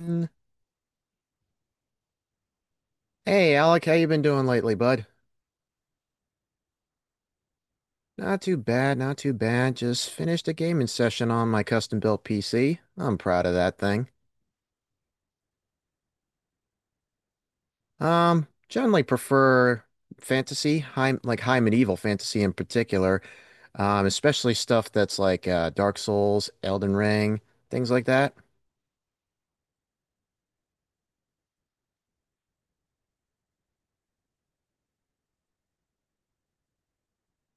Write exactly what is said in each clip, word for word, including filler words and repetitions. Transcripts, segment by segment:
Mm, Hey Alec, how you been doing lately, bud? Not too bad, not too bad. Just finished a gaming session on my custom-built P C. I'm proud of that thing. Um, generally prefer fantasy, high like high medieval fantasy in particular, um, especially stuff that's like uh, Dark Souls, Elden Ring, things like that.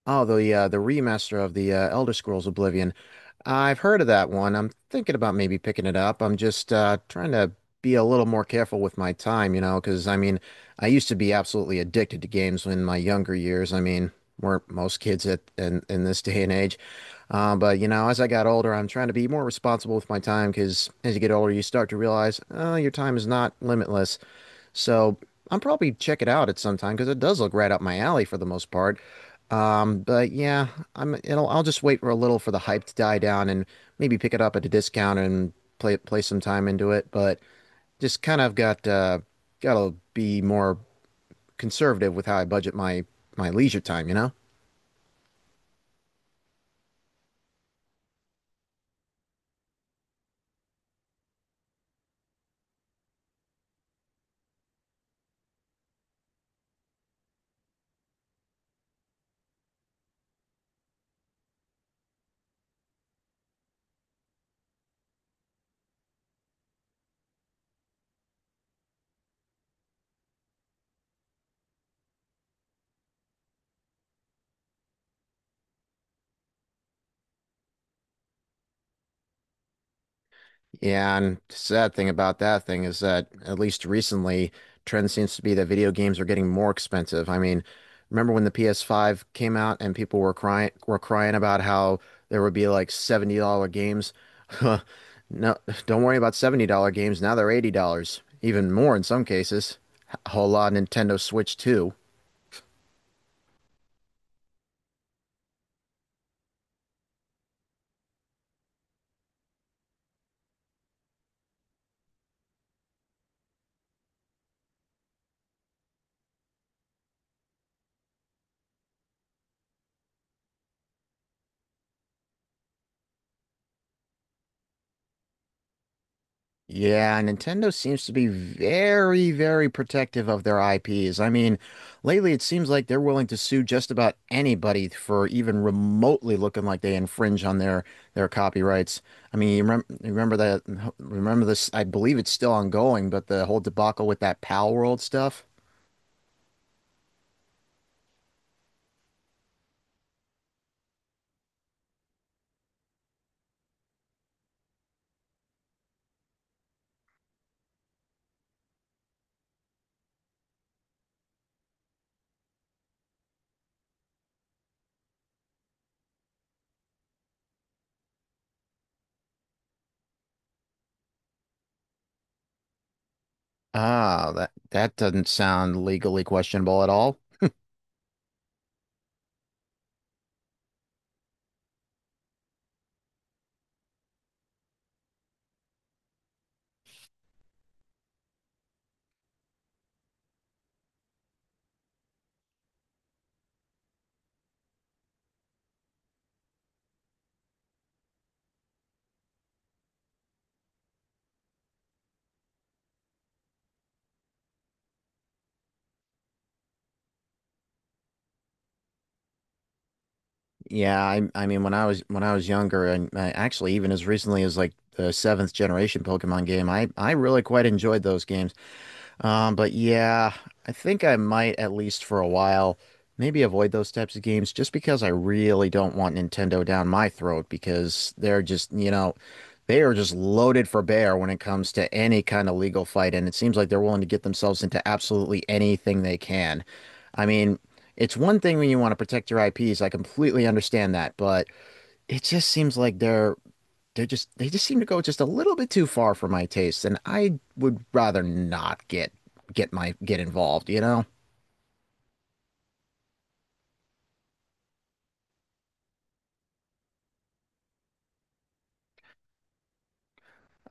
Oh, the uh, the remaster of the uh, Elder Scrolls Oblivion. I've heard of that one. I'm thinking about maybe picking it up. I'm just uh, trying to be a little more careful with my time, you know, because I mean, I used to be absolutely addicted to games in my younger years. I mean, weren't most kids at in, in this day and age. Uh, but you know, as I got older, I'm trying to be more responsible with my time because as you get older, you start to realize, oh, your time is not limitless. So I'm probably check it out at some time because it does look right up my alley for the most part. Um, but yeah, I'm it'll I'll just wait for a little for the hype to die down and maybe pick it up at a discount and play play some time into it. But just kind of got uh gotta be more conservative with how I budget my my leisure time, you know? Yeah, and the sad thing about that thing is that at least recently, trend seems to be that video games are getting more expensive. I mean, remember when the P S five came out and people were crying were crying about how there would be like seventy dollars games? No, don't worry about seventy dollars games. Now they're eighty dollars even more in some cases. H- Hola, Nintendo Switch two. Yeah, Nintendo seems to be very, very protective of their I Ps. I mean, lately it seems like they're willing to sue just about anybody for even remotely looking like they infringe on their their copyrights. I mean, you remember, remember that, remember this, I believe it's still ongoing, but the whole debacle with that Pal World stuff. Ah, that that doesn't sound legally questionable at all. Yeah, I I mean when I was when I was younger and uh, actually even as recently as like the seventh generation Pokemon game, I I really quite enjoyed those games. Um, but yeah, I think I might at least for a while maybe avoid those types of games just because I really don't want Nintendo down my throat because they're just, you know, they are just loaded for bear when it comes to any kind of legal fight, and it seems like they're willing to get themselves into absolutely anything they can. I mean, it's one thing when you want to protect your I Ps, I completely understand that, but it just seems like they're they just they just seem to go just a little bit too far for my taste, and I would rather not get get my get involved, you know?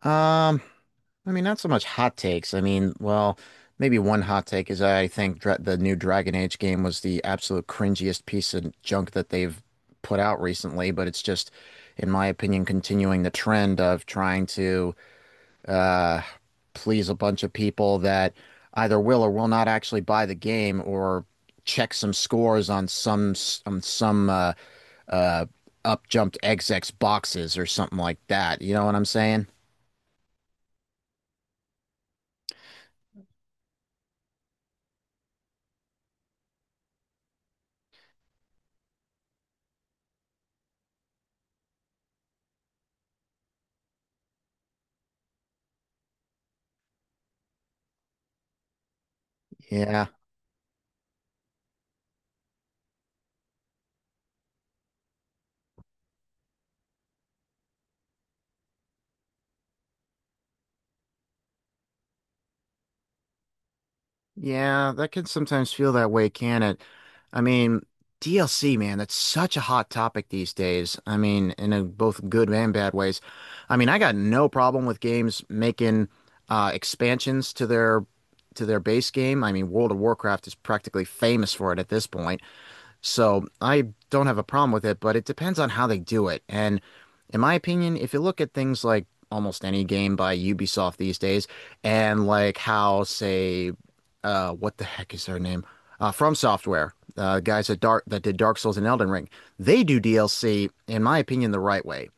Um, I mean, not so much hot takes. I mean, well, maybe one hot take is I think dra the new Dragon Age game was the absolute cringiest piece of junk that they've put out recently, but it's just, in my opinion, continuing the trend of trying to uh, please a bunch of people that either will or will not actually buy the game or check some scores on some on some uh, uh, up jumped X X boxes or something like that. You know what I'm saying? Yeah. Yeah, that can sometimes feel that way, can it? I mean, D L C, man, that's such a hot topic these days. I mean, in a, both good and bad ways. I mean, I got no problem with games making uh, expansions to their to their base game. I mean, World of Warcraft is practically famous for it at this point. So I don't have a problem with it, but it depends on how they do it. And in my opinion, if you look at things like almost any game by Ubisoft these days, and like how, say, uh, what the heck is their name? Uh, From Software, uh, guys that Dark that did Dark Souls and Elden Ring, they do D L C, in my opinion, the right way.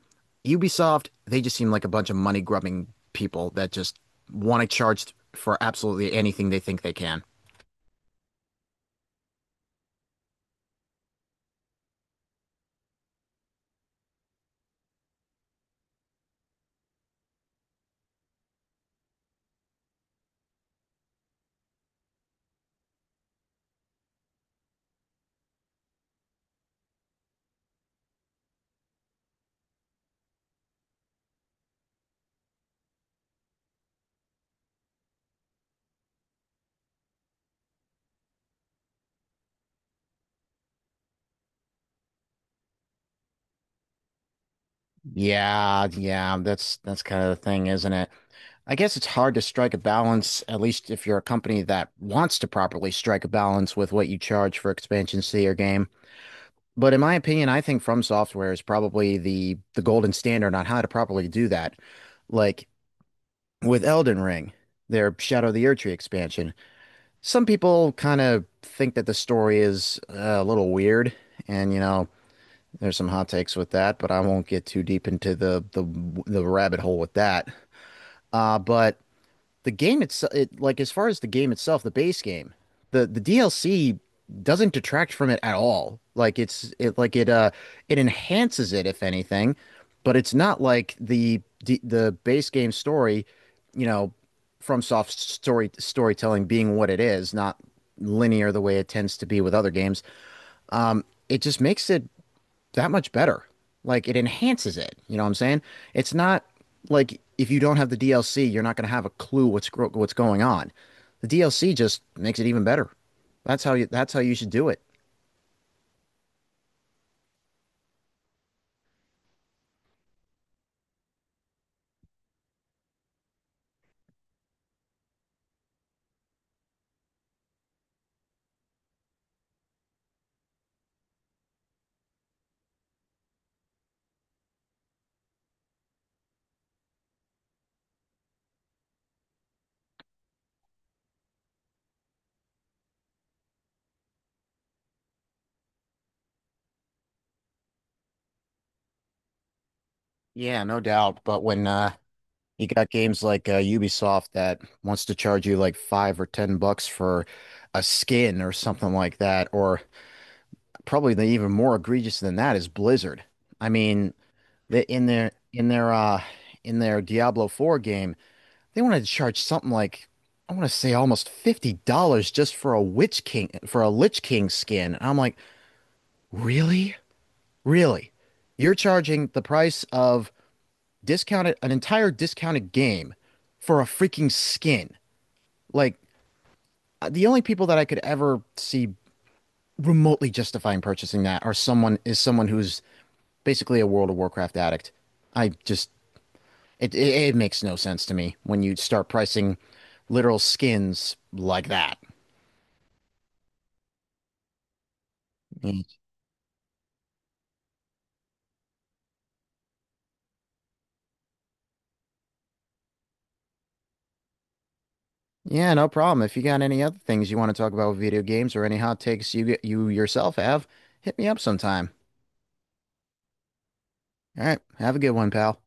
Ubisoft, they just seem like a bunch of money grubbing people that just want to charge for absolutely anything they think they can. Yeah, yeah, that's that's kind of the thing, isn't it? I guess it's hard to strike a balance, at least if you're a company that wants to properly strike a balance with what you charge for expansions to your game. But in my opinion, I think From Software is probably the the golden standard on how to properly do that. Like with Elden Ring, their Shadow of the Erdtree expansion. Some people kind of think that the story is uh, a little weird, and you know, there's some hot takes with that, but I won't get too deep into the the the rabbit hole with that. Uh, but the game itself, it, like as far as the game itself, the base game, the the D L C doesn't detract from it at all. Like it's it like it uh it enhances it if anything, but it's not like the the, the base game story, you know, from soft story storytelling being what it is, not linear the way it tends to be with other games. It just makes it that much better. Like it enhances it. You know what I'm saying? It's not like if you don't have the D L C, you're not going to have a clue what's what's going on. The D L C just makes it even better. That's how you that's how you should do it. Yeah, no doubt. But when uh you got games like uh, Ubisoft that wants to charge you like five or ten bucks for a skin or something like that, or probably the even more egregious than that is Blizzard. I mean, the, in their in their uh in their Diablo four game, they wanted to charge something like I want to say almost fifty dollars just for a Witch King for a Lich King skin. And I'm like, really? Really? You're charging the price of discounted an entire discounted game for a freaking skin. Like uh, the only people that I could ever see remotely justifying purchasing that are someone is someone who's basically a World of Warcraft addict. I just it, it it makes no sense to me when you start pricing literal skins like that. Yeah, no problem. If you got any other things you want to talk about with video games or any hot takes you you yourself have, hit me up sometime. All right, have a good one, pal.